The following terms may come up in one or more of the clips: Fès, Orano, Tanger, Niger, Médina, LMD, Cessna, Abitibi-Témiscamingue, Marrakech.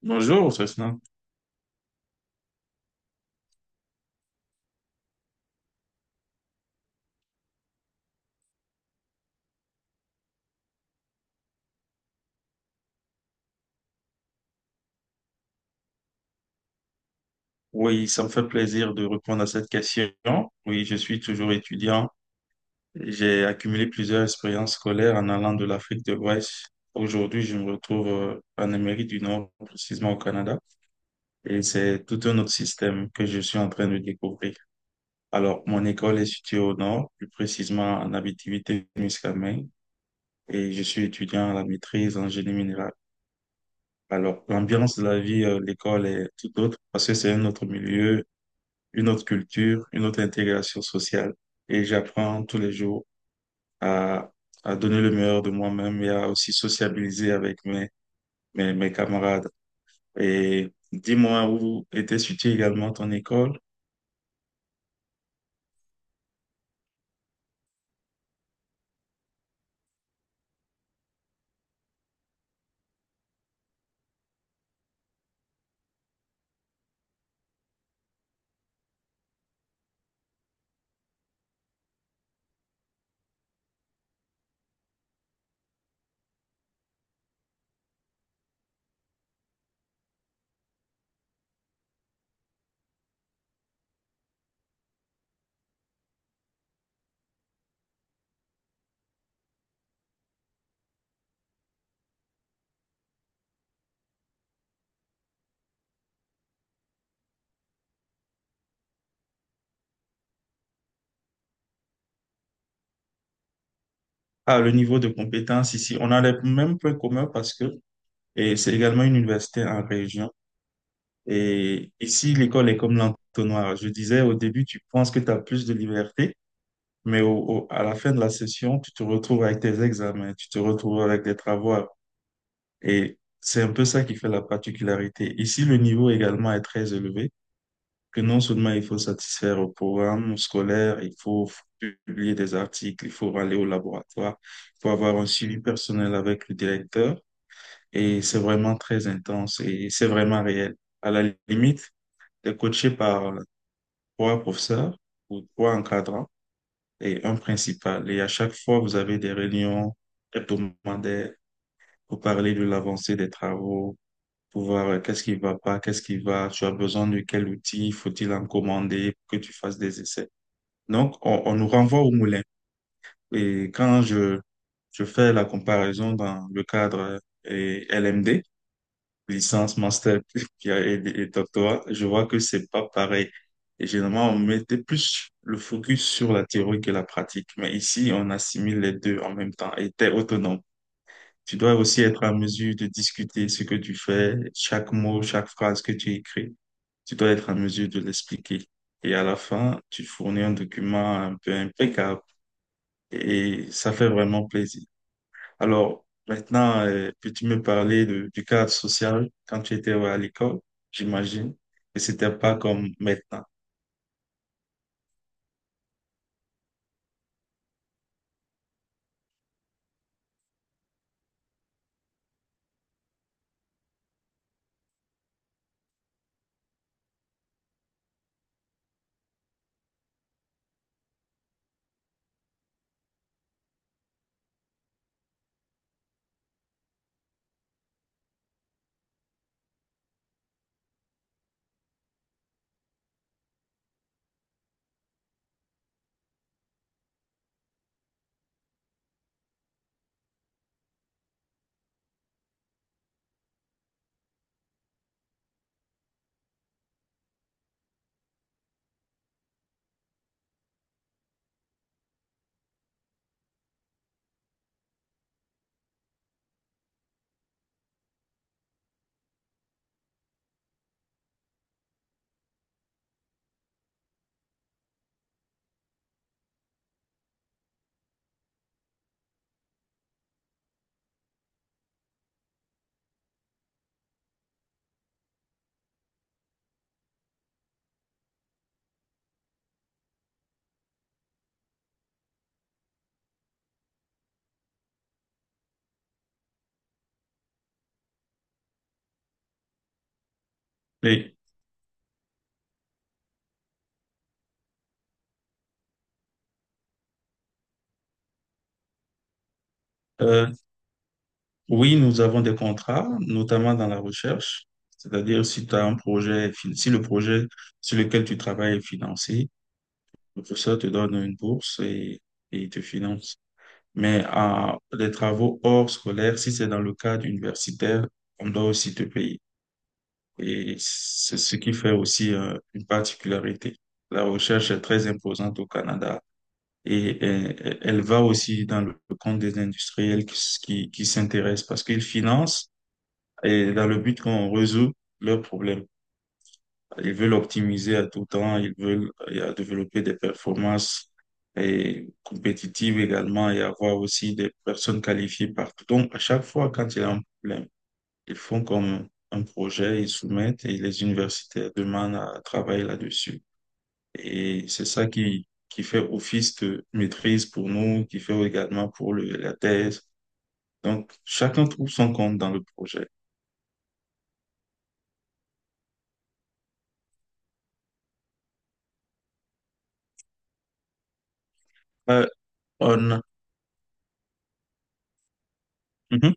Bonjour, Cessna. Oui, ça me fait plaisir de répondre à cette question. Oui, je suis toujours étudiant. J'ai accumulé plusieurs expériences scolaires en allant de l'Afrique de l'Ouest. Aujourd'hui, je me retrouve en Amérique du Nord, précisément au Canada, et c'est tout un autre système que je suis en train de découvrir. Alors, mon école est située au Nord, plus précisément en Abitibi-Témiscamingue, et je suis étudiant à la maîtrise en génie minéral. Alors, l'ambiance de la vie de l'école est tout autre parce que c'est un autre milieu, une autre culture, une autre intégration sociale. Et j'apprends tous les jours à, à donner le meilleur de moi-même et à aussi sociabiliser avec mes camarades. Et dis-moi, où était située également ton école? Ah, le niveau de compétence ici, on a les mêmes points communs, parce que et c'est également une université en région. Et ici, l'école est comme l'entonnoir. Je disais au début, tu penses que tu as plus de liberté, mais à la fin de la session, tu te retrouves avec tes examens, tu te retrouves avec des travaux. Et c'est un peu ça qui fait la particularité. Ici, le niveau également est très élevé, que non seulement il faut satisfaire au programme scolaire, il faut publier des articles, il faut aller au laboratoire, il faut avoir un suivi personnel avec le directeur. Et c'est vraiment très intense et c'est vraiment réel. À la limite, t'es coaché par trois professeurs ou trois encadrants et un principal. Et à chaque fois, vous avez des réunions hebdomadaires pour parler de l'avancée des travaux, pour voir qu'est-ce qui va pas, qu'est-ce qui va, tu as besoin de quel outil, faut-il en commander pour que tu fasses des essais. Donc, on nous renvoie au moulin. Et quand je fais la comparaison dans le cadre et LMD, licence, master puis, et doctorat, je vois que c'est pas pareil. Et généralement, on mettait plus le focus sur la théorie que la pratique. Mais ici, on assimile les deux en même temps et t'es autonome. Tu dois aussi être à mesure de discuter ce que tu fais, chaque mot, chaque phrase que tu écris, tu dois être en mesure de l'expliquer. Et à la fin, tu fournis un document un peu impeccable et ça fait vraiment plaisir. Alors, maintenant, peux-tu me parler du cadre social quand tu étais à l'école, j'imagine, et c'était pas comme maintenant. Mais, euh, oui, nous avons des contrats, notamment dans la recherche. C'est-à-dire, si tu as un projet, si le projet sur lequel tu travailles est financé, le professeur te donne une bourse, et il te finance. Mais à les travaux hors scolaire, si c'est dans le cadre universitaire, on doit aussi te payer. Et c'est ce qui fait aussi une particularité. La recherche est très imposante au Canada, et elle va aussi dans le compte des industriels qui s'intéressent parce qu'ils financent, et dans le but qu'on résout leurs problèmes. Ils veulent optimiser à tout temps, ils veulent développer des performances et compétitives également, et avoir aussi des personnes qualifiées partout. Donc, à chaque fois, quand il y a un problème, ils font comme un projet, ils soumettent et les universitaires demandent à travailler là-dessus. Et c'est ça qui fait office de maîtrise pour nous, qui fait également pour la thèse. Donc, chacun trouve son compte dans le projet. Euh, on... Mhm.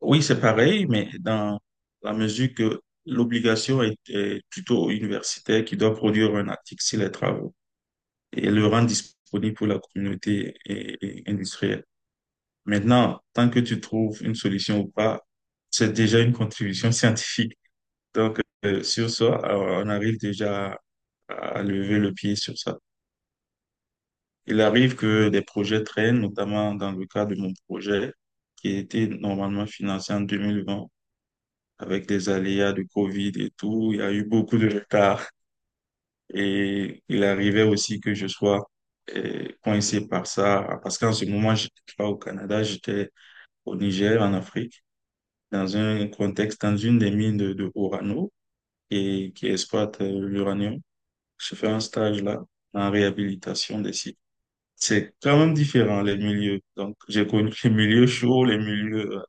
Oui, c'est pareil, mais dans la mesure que l'obligation est plutôt universitaire, qui doit produire un article sur les travaux et le rendre disponible pour la communauté et industrielle. Maintenant, tant que tu trouves une solution ou pas, c'est déjà une contribution scientifique. Donc, sur ça, on arrive déjà à lever le pied sur ça. Il arrive que des projets traînent, notamment dans le cas de mon projet qui a été normalement financé en 2020. Avec les aléas de Covid et tout, il y a eu beaucoup de retard, et il arrivait aussi que je sois coincé par ça parce qu'en ce moment, j'étais pas au Canada, j'étais au Niger, en Afrique, dans un contexte, dans une des mines de Orano et qui exploite l'uranium. Je fais un stage là en réhabilitation des sites. C'est quand même différent, les milieux. Donc, j'ai connu les milieux chauds, les milieux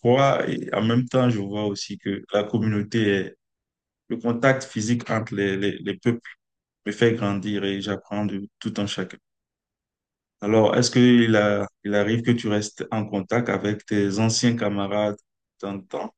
froids, et en même temps, je vois aussi que la communauté, le contact physique entre les peuples me fait grandir, et j'apprends de tout en chacun. Alors, est-ce il arrive que tu restes en contact avec tes anciens camarades dans le temps?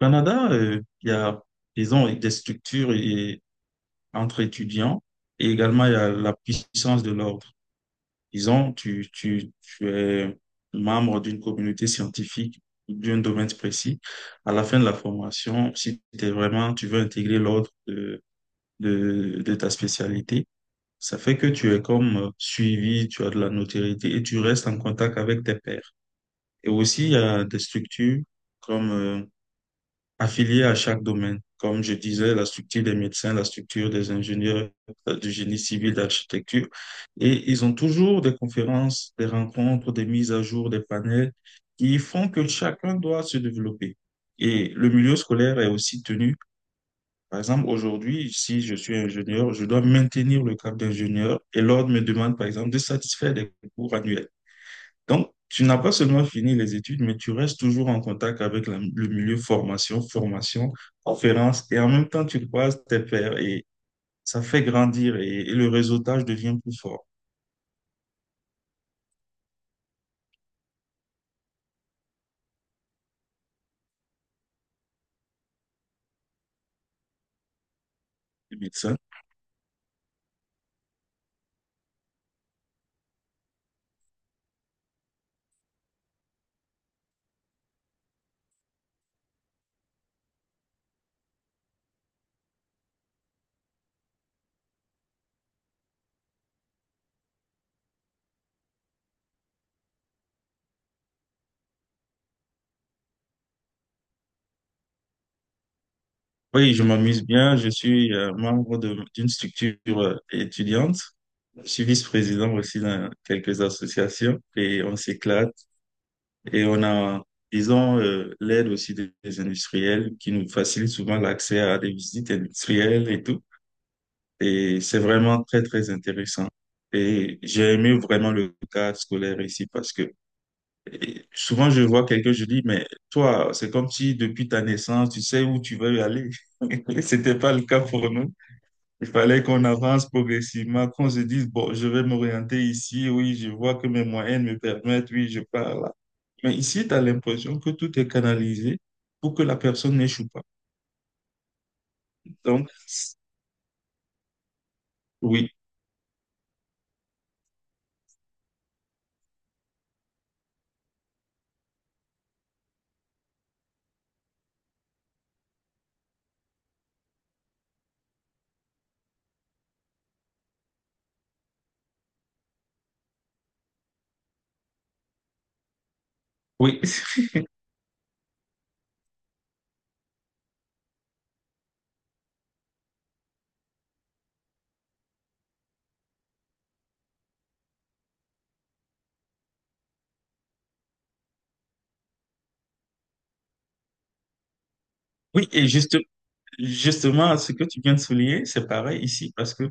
Au Canada, ils ont des structures entre étudiants, et également il y a la puissance de l'ordre. Ils ont, tu es membre d'une communauté scientifique ou d'un domaine précis. À la fin de la formation, si t'es vraiment, tu veux intégrer l'ordre de ta spécialité. Ça fait que tu es comme suivi, tu as de la notoriété et tu restes en contact avec tes pairs. Et aussi, il y a des structures comme affiliées à chaque domaine. Comme je disais, la structure des médecins, la structure des ingénieurs, du génie civil, d'architecture. Et ils ont toujours des conférences, des rencontres, des mises à jour, des panels qui font que chacun doit se développer. Et le milieu scolaire est aussi tenu. Par exemple, aujourd'hui, si je suis ingénieur, je dois maintenir le cap d'ingénieur et l'ordre me demande, par exemple, de satisfaire des cours annuels. Donc, tu n'as pas seulement fini les études, mais tu restes toujours en contact avec le milieu formation, formation, conférence, et en même temps, tu croises tes pairs et ça fait grandir, et le réseautage devient plus fort. Les médecins. Oui, je m'amuse bien. Je suis membre d'une structure étudiante. Je suis vice-président aussi dans quelques associations et on s'éclate. Et on a, disons, l'aide aussi des industriels qui nous facilite souvent l'accès à des visites industrielles et tout. Et c'est vraiment très, très intéressant. Et j'ai aimé vraiment le cadre scolaire ici, parce que et souvent je vois quelqu'un, je dis, mais toi, c'est comme si depuis ta naissance, tu sais où tu veux aller. C'était pas le cas pour nous. Il fallait qu'on avance progressivement, qu'on se dise, bon, je vais m'orienter ici, oui, je vois que mes moyens me permettent, oui, je pars. Mais ici, tu as l'impression que tout est canalisé pour que la personne n'échoue pas. Donc, oui, oui, oui. Et justement, ce que tu viens de souligner, c'est pareil ici, parce que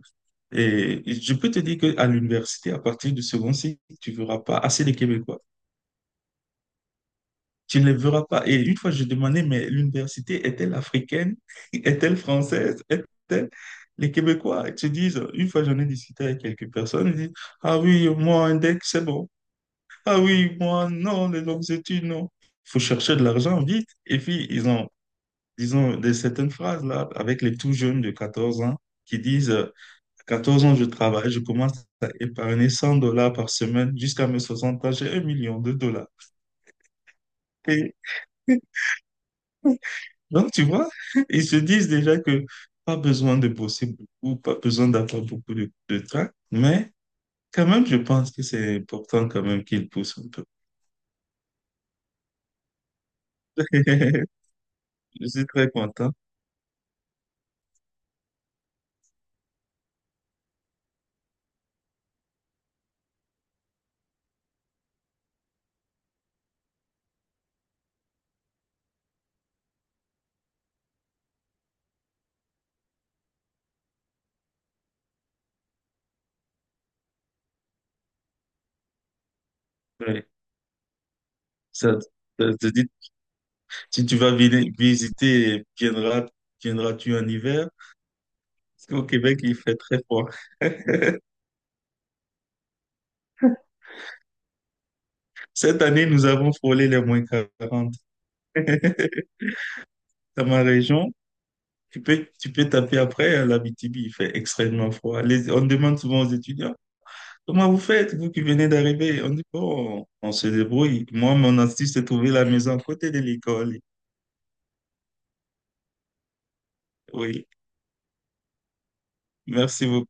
et je peux te dire qu'à l'université, à partir du second cycle, tu ne verras pas assez de Québécois. Tu ne les verras pas. Et une fois, je demandais, mais l'université est-elle africaine? Est-elle française? Est-elle... Les Québécois, ils te disent, une fois j'en ai discuté avec quelques personnes, ils disent, ah oui, moi, un deck, c'est bon. Ah oui, moi, non, les longues études, non. Il faut chercher de l'argent vite. Et puis, ils ont, disons, des certaines phrases là, avec les tout jeunes de 14 ans qui disent, à 14 ans, je travaille, je commence à épargner 100 $ par semaine jusqu'à mes 60 ans, j'ai 1 million de dollars. Et donc, tu vois, ils se disent déjà que pas besoin de bosser beaucoup, pas besoin d'avoir beaucoup de temps, mais quand même, je pense que c'est important quand même qu'ils poussent un peu. Je suis très content. Ouais. Ça, ça te dit, si tu vas visiter, viendras-tu en hiver? Parce qu'au Québec, il fait très froid. Cette année, nous avons frôlé les -40. Dans ma région, tu peux, taper après, à l'Abitibi, il fait extrêmement froid. On demande souvent aux étudiants, comment vous faites, vous qui venez d'arriver? On dit, bon, on se débrouille. Moi, mon astuce, c'est trouver la maison à côté de l'école. Oui, merci beaucoup.